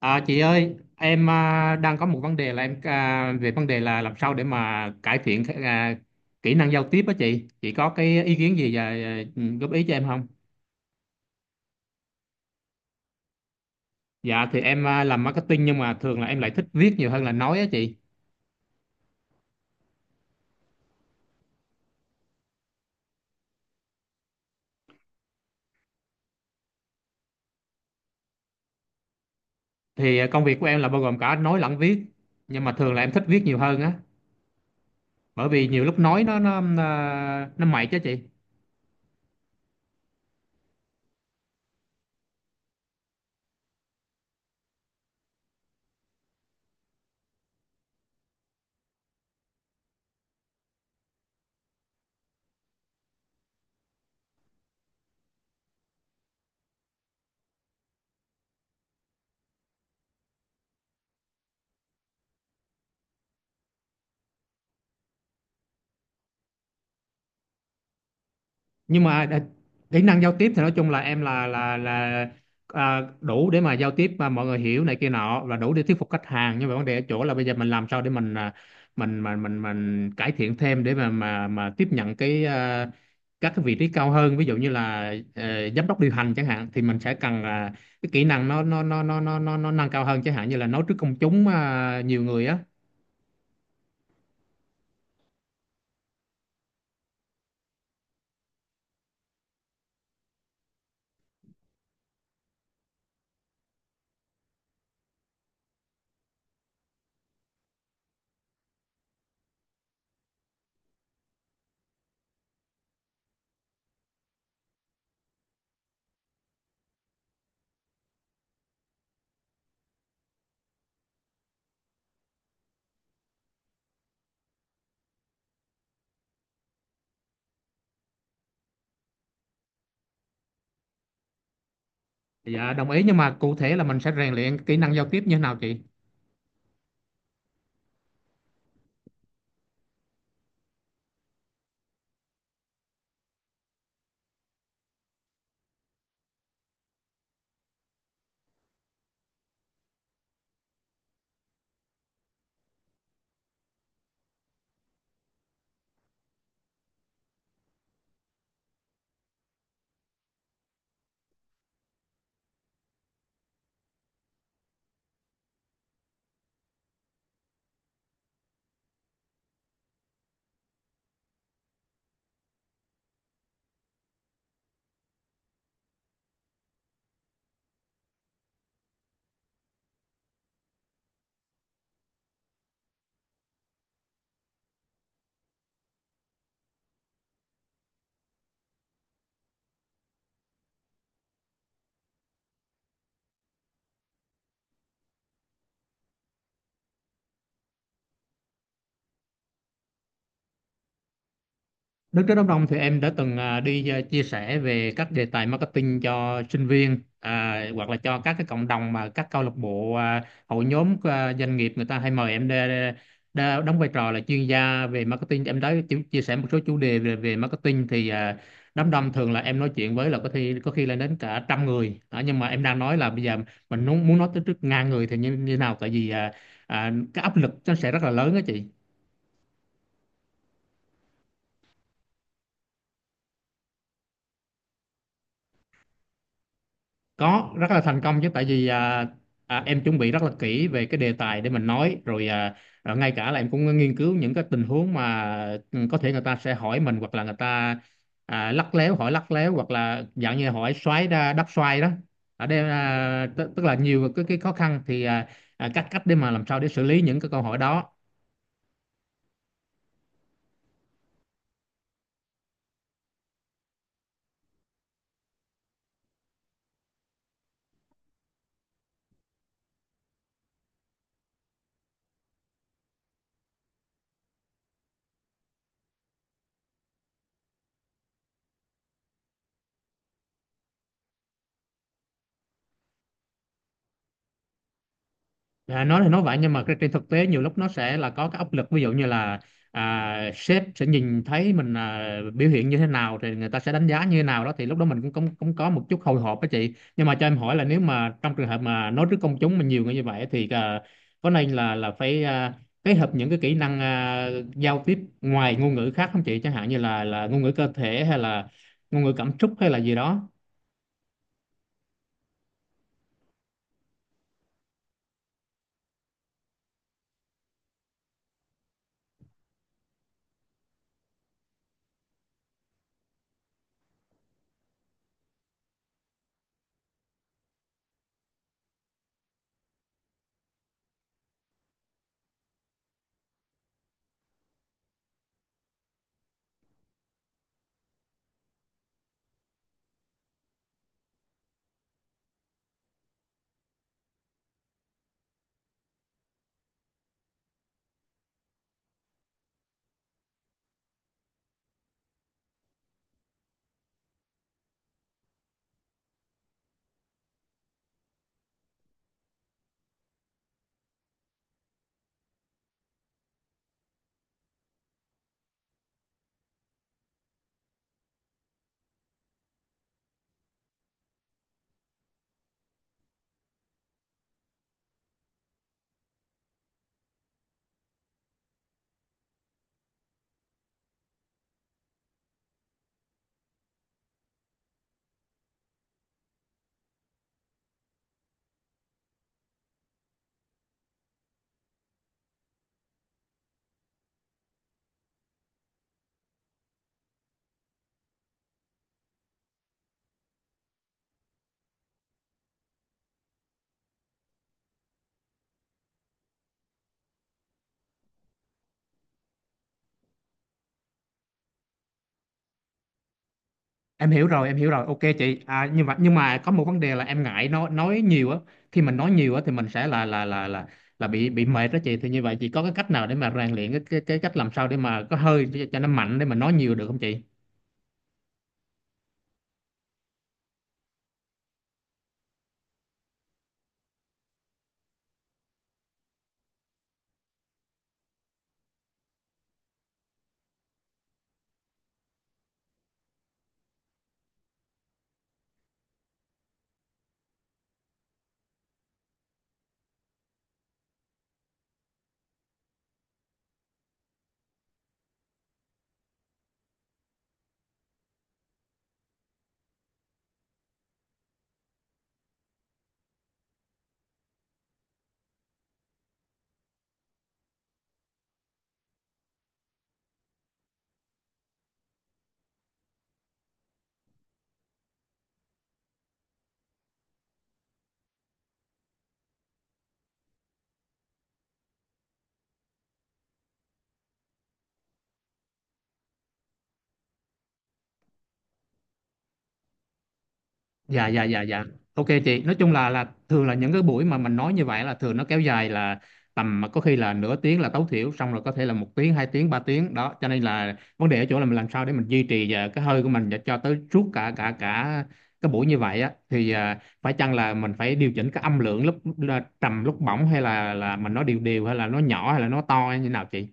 À, chị ơi, em đang có một vấn đề là em về vấn đề là làm sao để mà cải thiện kỹ năng giao tiếp á chị. Chị có cái ý kiến gì và góp ý cho em không? Dạ thì em làm marketing, nhưng mà thường là em lại thích viết nhiều hơn là nói á chị. Thì công việc của em là bao gồm cả nói lẫn viết, nhưng mà thường là em thích viết nhiều hơn á, bởi vì nhiều lúc nói nó mệt chứ chị. Nhưng mà kỹ năng giao tiếp thì nói chung là em là đủ để mà giao tiếp mà mọi người hiểu này kia nọ và đủ để thuyết phục khách hàng, nhưng mà vấn đề ở chỗ là bây giờ mình làm sao để mình mình cải thiện thêm để mà tiếp nhận các cái vị trí cao hơn, ví dụ như là giám đốc điều hành chẳng hạn, thì mình sẽ cần là cái kỹ năng nó nâng cao hơn, chẳng hạn như là nói trước công chúng nhiều người á. Dạ đồng ý, nhưng mà cụ thể là mình sẽ rèn luyện kỹ năng giao tiếp như thế nào chị? Đức Rất Đốc Đông thì em đã từng đi chia sẻ về các đề tài marketing cho sinh viên hoặc là cho các cái cộng đồng, mà các câu lạc bộ hội nhóm doanh nghiệp người ta hay mời em để đóng vai trò là chuyên gia về marketing. Em đã chia sẻ một số chủ đề về marketing, thì đám đông thường là em nói chuyện với là có khi lên đến cả trăm người nhưng mà em đang nói là bây giờ mình muốn muốn nói tới trước ngàn người thì như nào, tại vì cái áp lực nó sẽ rất là lớn đó chị. Có rất là thành công chứ, tại vì em chuẩn bị rất là kỹ về cái đề tài để mình nói rồi ngay cả là em cũng nghiên cứu những cái tình huống mà có thể người ta sẽ hỏi mình, hoặc là người ta lắc léo hỏi lắc léo, hoặc là dạng như hỏi xoáy đắp xoay đó. Ở đây tức tức là nhiều cái khó khăn, thì cách cách để mà làm sao để xử lý những cái câu hỏi đó. À, nói thì nói vậy, nhưng mà trên thực tế nhiều lúc nó sẽ là có cái áp lực, ví dụ như là sếp sẽ nhìn thấy mình biểu hiện như thế nào thì người ta sẽ đánh giá như thế nào đó, thì lúc đó mình cũng cũng, cũng có một chút hồi hộp đó chị. Nhưng mà cho em hỏi là nếu mà trong trường hợp mà nói trước công chúng mà nhiều người như vậy thì có nên là phải kết hợp những cái kỹ năng giao tiếp ngoài ngôn ngữ khác không chị, chẳng hạn như là ngôn ngữ cơ thể hay là ngôn ngữ cảm xúc hay là gì đó? Em hiểu rồi, em hiểu rồi, ok chị nhưng mà có một vấn đề là em ngại nói nhiều á. Khi mình nói nhiều á thì mình sẽ là bị mệt đó chị. Thì như vậy chị có cái cách nào để mà rèn luyện cái cách làm sao để mà có hơi cho nó mạnh để mà nói nhiều được không chị? Dạ, dạ, dạ, dạ. Ok chị, nói chung là thường là những cái buổi mà mình nói như vậy là thường nó kéo dài là tầm mà có khi là nửa tiếng là tối thiểu, xong rồi có thể là một tiếng, hai tiếng, ba tiếng đó, cho nên là vấn đề ở chỗ là mình làm sao để mình duy trì cái hơi của mình và cho tới suốt cả cả cả cái buổi như vậy á, thì phải chăng là mình phải điều chỉnh cái âm lượng, lúc là trầm lúc bổng, hay là mình nói đều đều, hay là nó nhỏ hay là nó to hay như nào chị?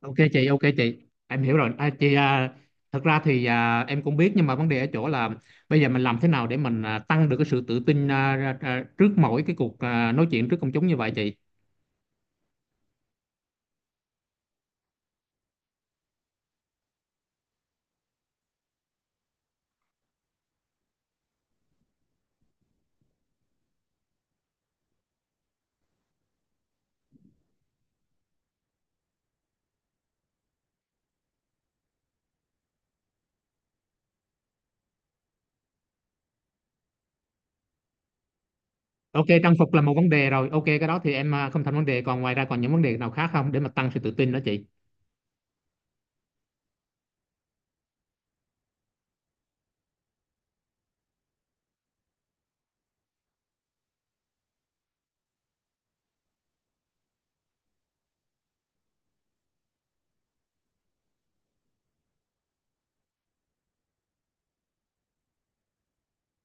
Ok chị, ok chị. Em hiểu rồi. À, chị thật ra thì em cũng biết, nhưng mà vấn đề ở chỗ là bây giờ mình làm thế nào để mình tăng được cái sự tự tin trước mỗi cái cuộc nói chuyện trước công chúng như vậy chị? Ok, trang phục là một vấn đề rồi. Ok, cái đó thì em không thành vấn đề. Còn ngoài ra còn những vấn đề nào khác không, để mà tăng sự tự tin đó chị?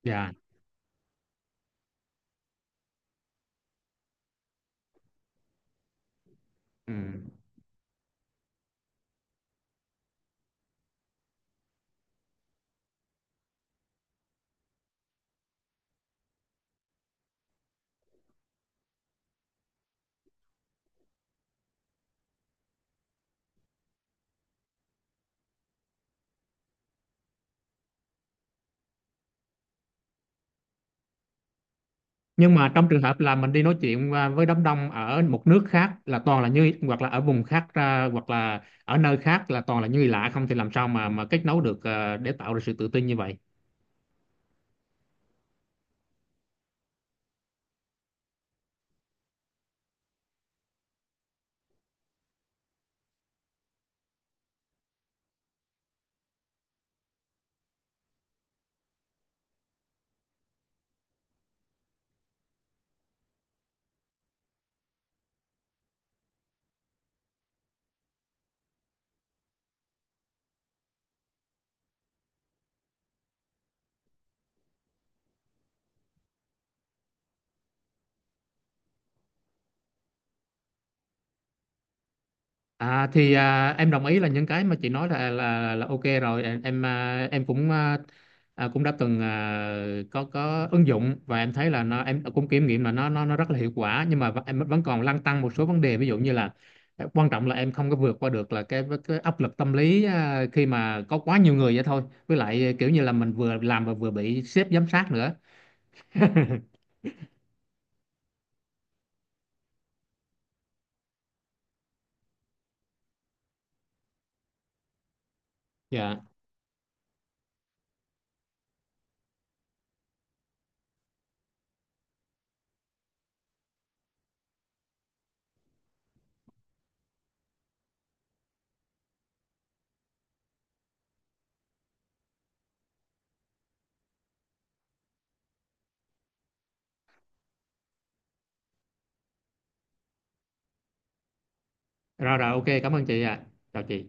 Dạ. Ừ. Nhưng mà trong trường hợp là mình đi nói chuyện với đám đông ở một nước khác là toàn là như, hoặc là ở vùng khác hoặc là ở nơi khác là toàn là như lạ không, thì làm sao mà kết nối được để tạo ra sự tự tin như vậy? À thì em đồng ý là những cái mà chị nói là ok rồi, em cũng à, à, cũng đã từng có ứng dụng, và em thấy là nó em cũng kiểm nghiệm là nó rất là hiệu quả, nhưng mà em vẫn còn lăn tăn một số vấn đề, ví dụ như là quan trọng là em không có vượt qua được là cái áp lực tâm lý khi mà có quá nhiều người vậy thôi, với lại kiểu như là mình vừa làm và vừa bị sếp giám sát nữa. Dạ. Rồi, rồi, ok, cảm ơn chị ạ. Chào chị.